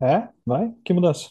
É? Vai? Que mudança?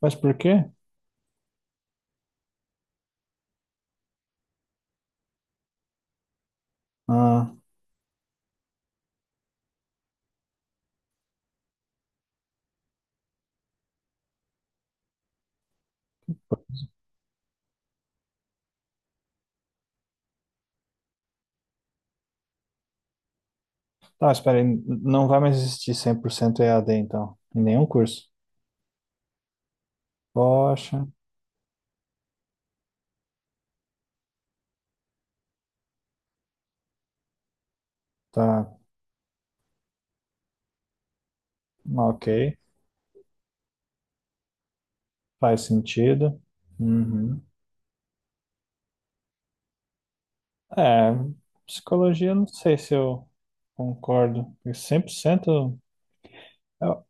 Mas por quê? Ah, tá, espera aí. Não vai mais existir 100% EAD, então. Em nenhum curso. Poxa, tá. Ah, ok. Faz sentido. Uhum. É, psicologia, não sei se eu concordo. Porque 100%, eu,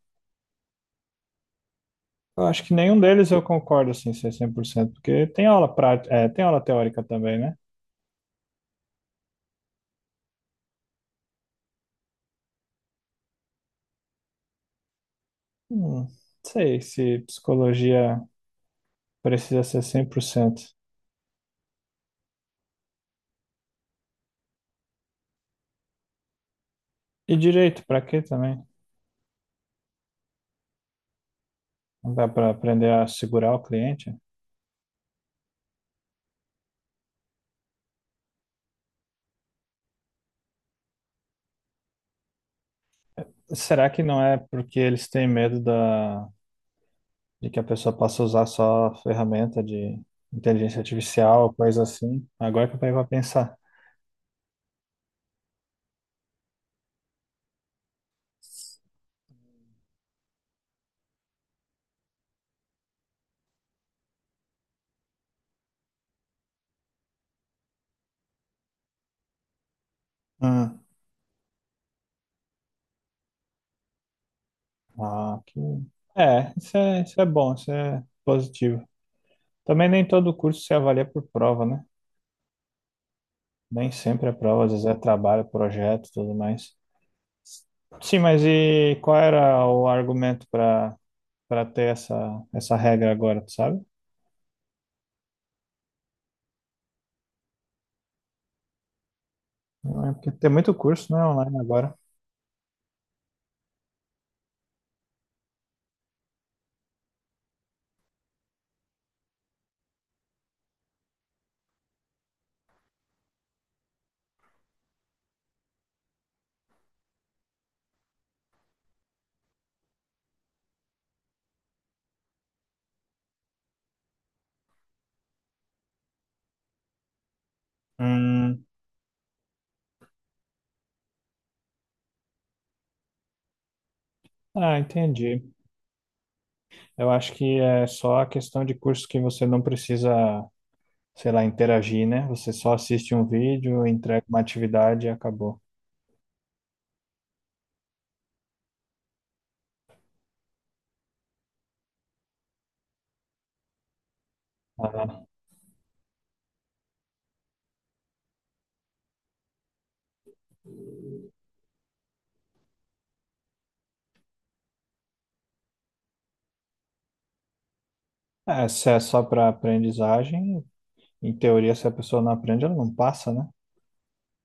eu acho que nenhum deles eu concordo, assim, ser 100%, porque tem aula prática, é, tem aula teórica também, né? Não sei se psicologia precisa ser 100%. E direito, pra quê também? Não dá para aprender a segurar o cliente? Será que não é porque eles têm medo da, de que a pessoa possa usar só ferramenta de inteligência artificial, coisa assim? Agora que eu parei para pensar. Hum. Ah, que... É, isso é bom, isso é positivo. Também nem todo curso se avalia por prova, né? Nem sempre é prova, às vezes é trabalho, projeto, e tudo mais. Sim, mas e qual era o argumento para ter essa regra agora, tu sabe? É porque tem muito curso, né, online agora. Hum, ah, entendi. Eu acho que é só a questão de curso que você não precisa, sei lá, interagir, né? Você só assiste um vídeo, entrega uma atividade e acabou. Ah, é, se é só para aprendizagem, em teoria, se a pessoa não aprende, ela não passa, né?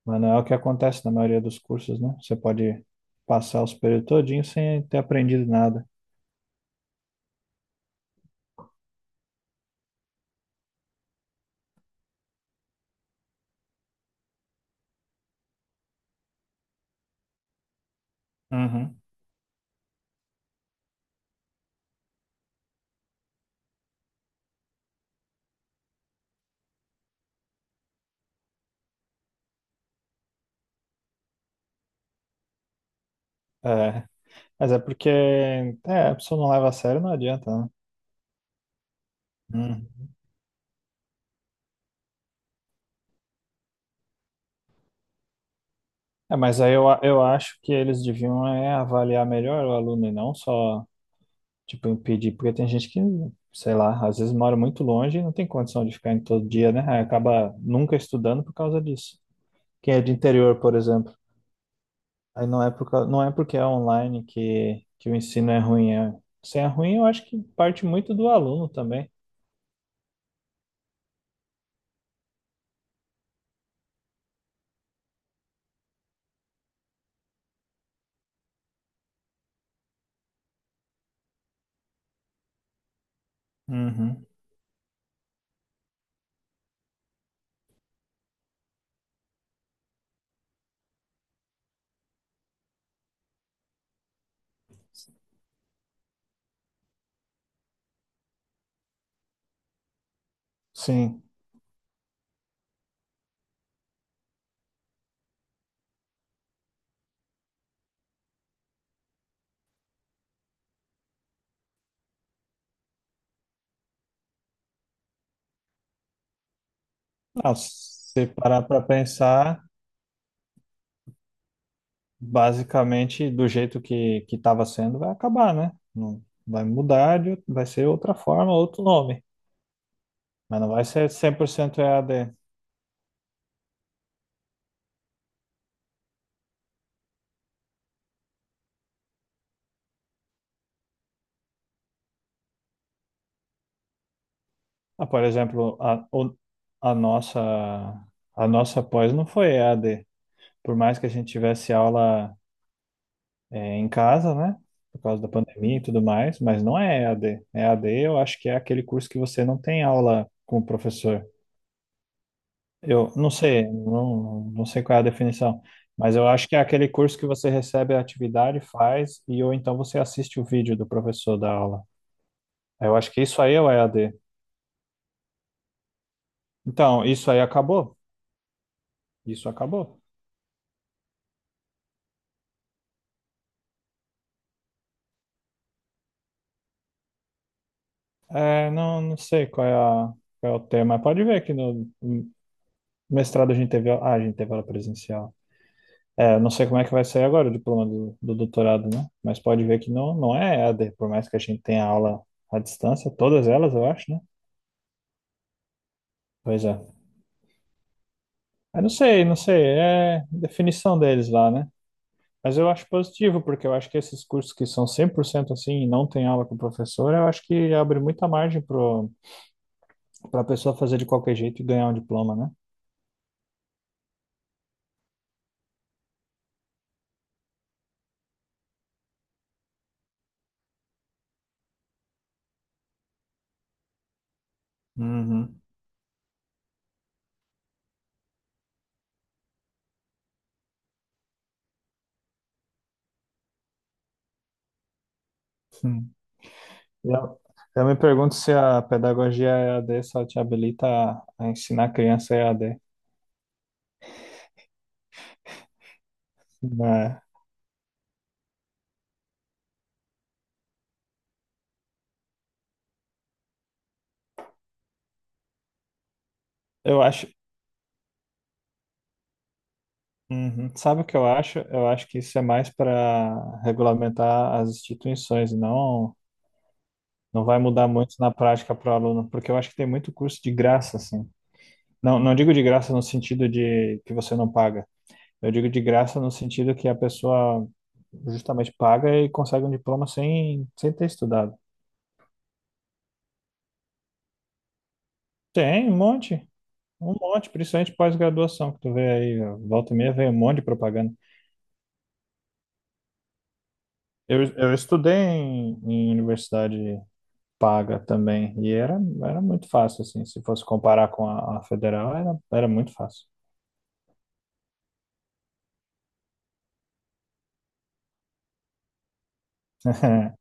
Mas não é o que acontece na maioria dos cursos, né? Você pode passar os períodos todinhos sem ter aprendido nada. Uhum. É, mas é porque é, a pessoa não leva a sério, não adianta, né? Uhum. É, mas aí eu acho que eles deviam avaliar melhor o aluno e não só, tipo, impedir, porque tem gente que, sei lá, às vezes mora muito longe e não tem condição de ficar em todo dia, né? Aí acaba nunca estudando por causa disso. Quem é de interior, por exemplo, aí não é porque é online que o ensino é ruim. É, se é ruim, eu acho que parte muito do aluno também. Uhum. Sim. Não, se parar para pensar. Basicamente do jeito que estava sendo vai acabar, né? Não vai mudar, vai ser outra forma, outro nome, mas não vai ser 100% EAD. Ah, por exemplo, a nossa a nossa pós não foi EAD, por mais que a gente tivesse aula em casa, né? Por causa da pandemia e tudo mais, mas não é EAD. EAD eu acho que é aquele curso que você não tem aula com o professor. Eu não sei, não sei qual é a definição, mas eu acho que é aquele curso que você recebe a atividade, faz, e ou então você assiste o vídeo do professor da aula. Eu acho que isso aí é o EAD. Então, isso aí acabou? Isso acabou. É, não, não sei qual é o tema. Pode ver que no mestrado a gente teve aula presencial. É, não sei como é que vai sair agora o diploma do doutorado, né? Mas pode ver que não é EAD, por mais que a gente tenha aula à distância, todas elas, eu acho, né? Pois é. Eu não sei, é definição deles lá, né? Mas eu acho positivo, porque eu acho que esses cursos que são 100% assim e não tem aula com o professor, eu acho que abre muita margem para a pessoa fazer de qualquer jeito e ganhar um diploma, né? Uhum. Hum. E eu me pergunto se a pedagogia E a EAD só te habilita a, ensinar a criança EAD, né? Eu acho, uhum. Sabe o que eu acho? Eu acho que isso é mais para regulamentar as instituições. Não vai mudar muito na prática para o aluno, porque eu acho que tem muito curso de graça, assim. Não, não digo de graça no sentido de que você não paga. Eu digo de graça no sentido que a pessoa justamente paga e consegue um diploma sem ter estudado. Tem um monte, principalmente pós-graduação, que tu vê aí, ó, volta e meia vem um monte de propaganda. Eu estudei em universidade paga também, e era muito fácil, assim, se fosse comparar com a federal, era muito fácil.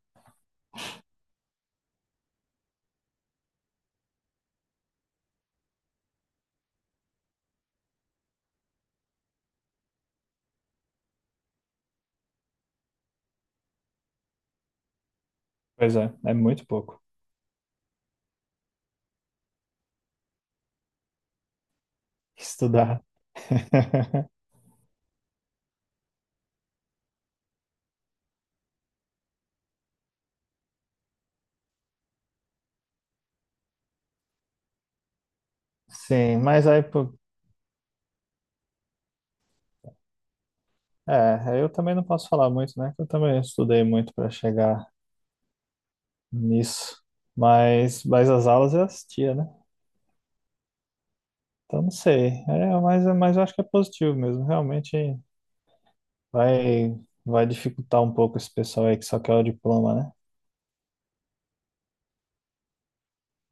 Pois é, é muito pouco estudar. Sim, mas aí, pô, eu também não posso falar muito, né? Que eu também estudei muito para chegar nisso, mas as aulas eu assistia, né? Então não sei, mas eu acho que é positivo mesmo, realmente vai, vai dificultar um pouco esse pessoal aí que só quer o diploma, né?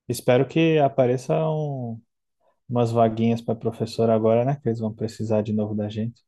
Espero que apareçam umas vaguinhas para professor agora, né? Que eles vão precisar de novo da gente.